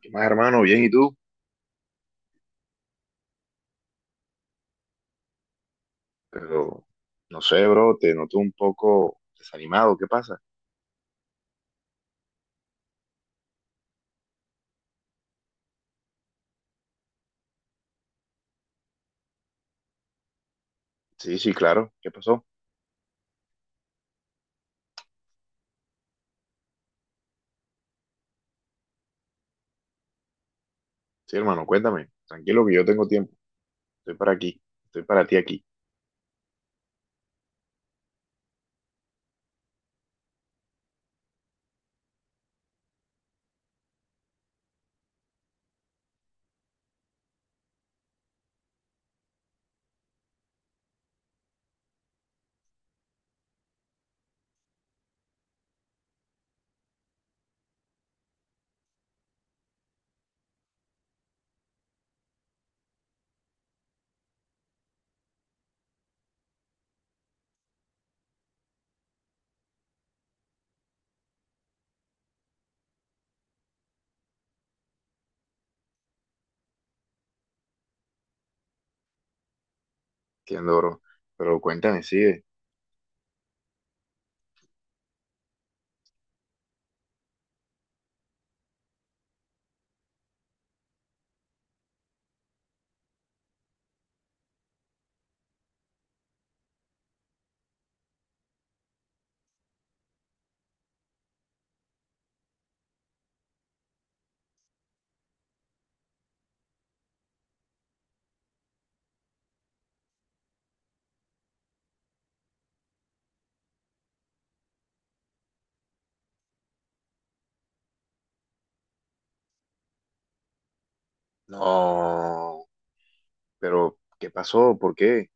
¿Qué más, hermano? Bien, ¿y tú? Pero no sé, bro, te noto un poco desanimado. ¿Qué pasa? Sí, sí, claro. ¿Qué pasó? Sí, hermano, cuéntame. Tranquilo que yo tengo tiempo. Estoy para aquí. Estoy para ti aquí. Entiendo, bro. Pero cuéntame, sigue. No. Pero, ¿qué pasó? ¿Por qué?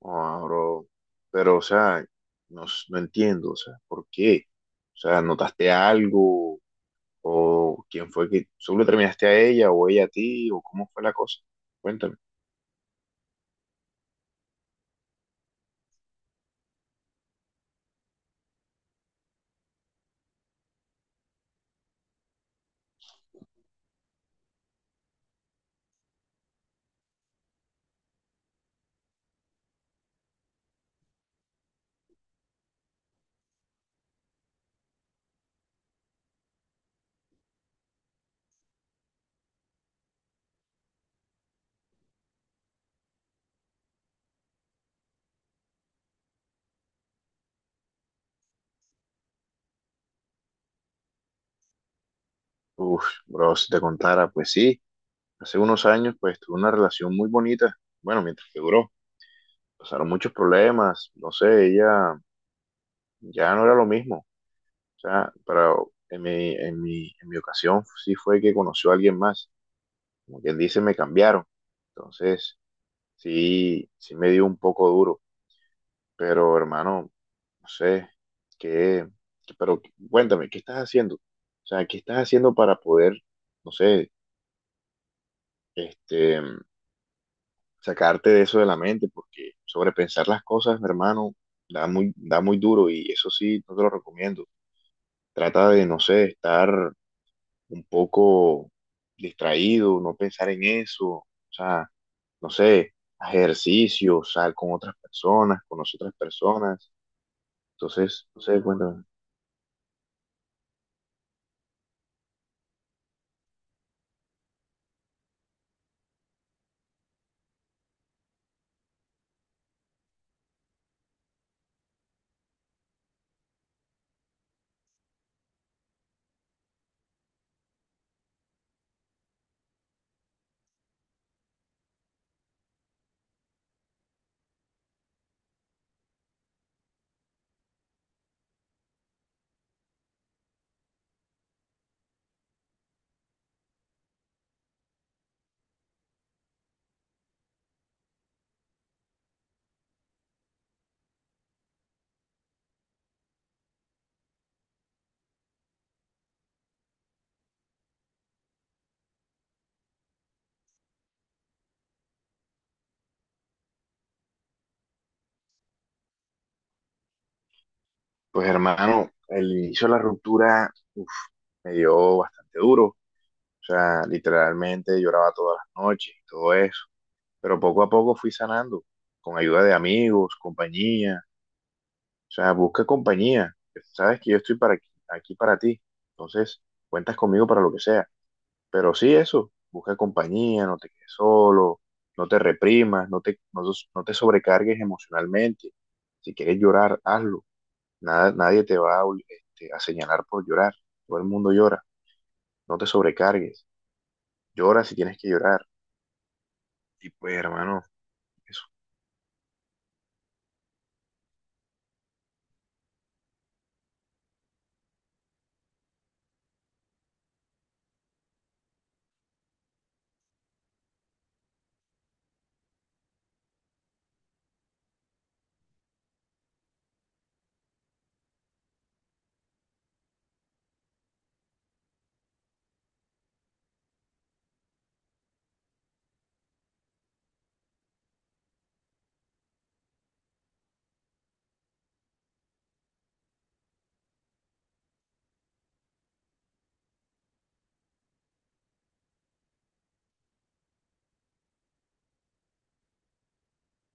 No, bro. Pero, o sea, no, no entiendo. O sea, ¿por qué? O sea, ¿notaste algo? ¿O quién fue que solo terminaste a ella o ella a ti? ¿O cómo fue la cosa? Cuéntame. Uf, bro, si te contara, pues sí, hace unos años pues tuve una relación muy bonita, bueno, mientras que duró, pasaron muchos problemas, no sé, ella ya no era lo mismo, o sea, pero en mi ocasión sí fue que conoció a alguien más, como quien dice, me cambiaron, entonces sí, sí me dio un poco duro, pero hermano, no sé, qué, pero cuéntame, ¿qué estás haciendo? O sea, ¿qué estás haciendo para poder, no sé, este... sacarte de eso de la mente, porque sobrepensar las cosas, mi hermano, da muy duro y eso sí, no te lo recomiendo. Trata de, no sé, estar un poco distraído, no pensar en eso, o sea, no sé, haz ejercicio, sal con otras personas, con otras personas. Entonces, no sé, cuéntame. Pues hermano, el inicio de la ruptura uf, me dio bastante duro, o sea, literalmente lloraba todas las noches, y todo eso. Pero poco a poco fui sanando, con ayuda de amigos, compañía, o sea, busca compañía, sabes que yo estoy para aquí, aquí para ti, entonces cuentas conmigo para lo que sea, pero sí eso, busca compañía, no te quedes solo, no te reprimas, no te sobrecargues emocionalmente, si quieres llorar, hazlo. Nada, nadie te va a, a señalar por llorar, todo el mundo llora, no te sobrecargues, llora si tienes que llorar, y pues hermano, eso,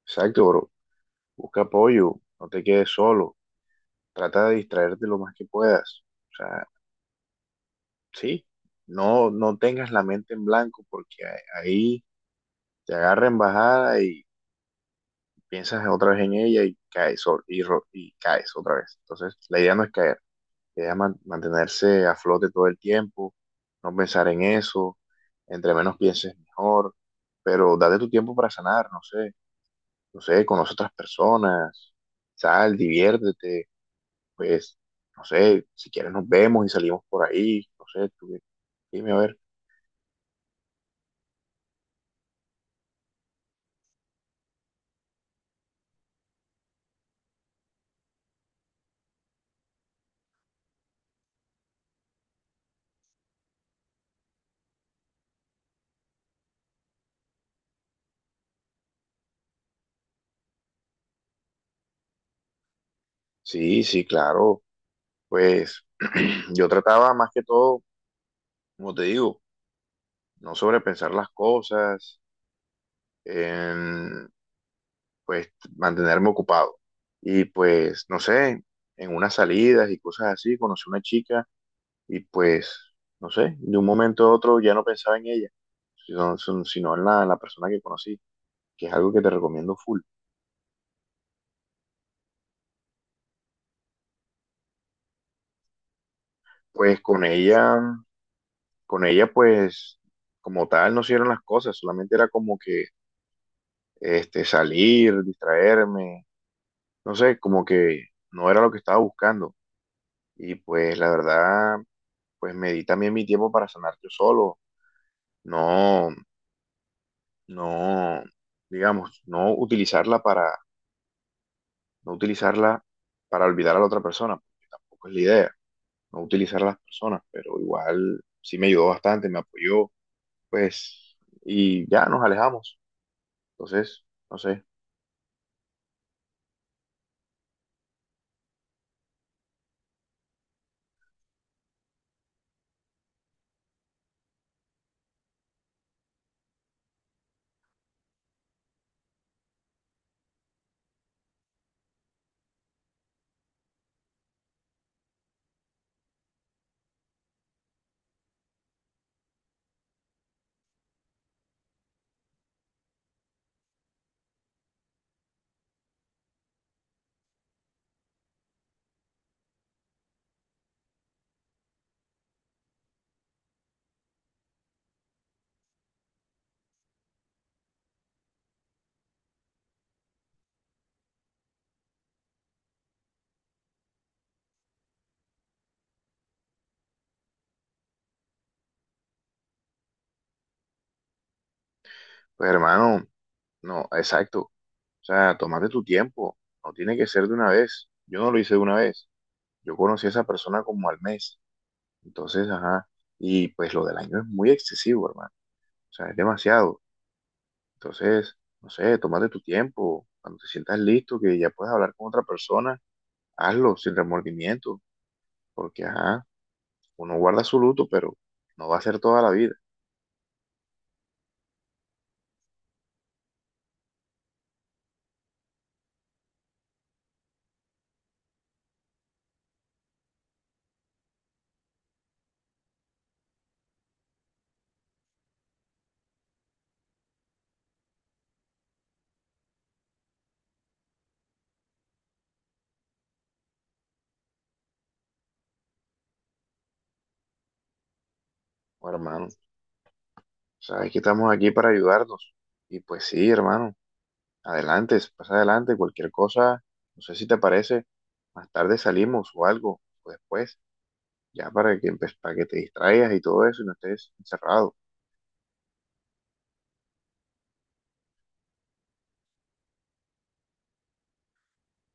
exacto, bro. Busca apoyo, no te quedes solo, trata de distraerte lo más que puedas. O sea, sí, no tengas la mente en blanco porque ahí te agarra en bajada y piensas otra vez en ella y caes, y caes otra vez. Entonces, la idea no es caer, la idea es mantenerse a flote todo el tiempo, no pensar en eso, entre menos pienses mejor, pero date tu tiempo para sanar, no sé, conoce otras personas, sal, diviértete pues, no sé, si quieres nos vemos y salimos por ahí, no sé, tú dime a ver. Sí, sí, claro, pues yo trataba más que todo, como te digo, no sobrepensar las cosas, em, pues mantenerme ocupado. Y pues, no sé, en unas salidas y cosas así, conocí una chica y pues, no sé, de un momento a otro ya no pensaba en ella, sino, sino en en la persona que conocí, que es algo que te recomiendo full. Pues con ella pues como tal no hicieron las cosas, solamente era como que salir, distraerme, no sé, como que no era lo que estaba buscando. Y pues la verdad, pues me di también mi tiempo para sanar yo solo, no, no, digamos, no utilizarla para olvidar a la otra persona, porque tampoco es la idea, no utilizar a las personas, pero igual sí me ayudó bastante, me apoyó, pues, y ya nos alejamos. Entonces, no sé. Pues hermano, no, exacto. O sea, tómate tu tiempo. No tiene que ser de una vez. Yo no lo hice de una vez. Yo conocí a esa persona como al mes. Entonces, ajá. Y pues lo del año es muy excesivo, hermano. O sea, es demasiado. Entonces, no sé, tómate tu tiempo. Cuando te sientas listo, que ya puedes hablar con otra persona, hazlo sin remordimiento. Porque, ajá, uno guarda su luto, pero no va a ser toda la vida. Bueno, hermano, sabes que estamos aquí para ayudarnos. Y pues sí, hermano. Adelante, pasa adelante, cualquier cosa, no sé si te parece, más tarde salimos o algo, o después, ya para que, para que te distraigas y todo eso y no estés encerrado.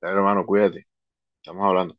Dale, hermano, cuídate, estamos hablando.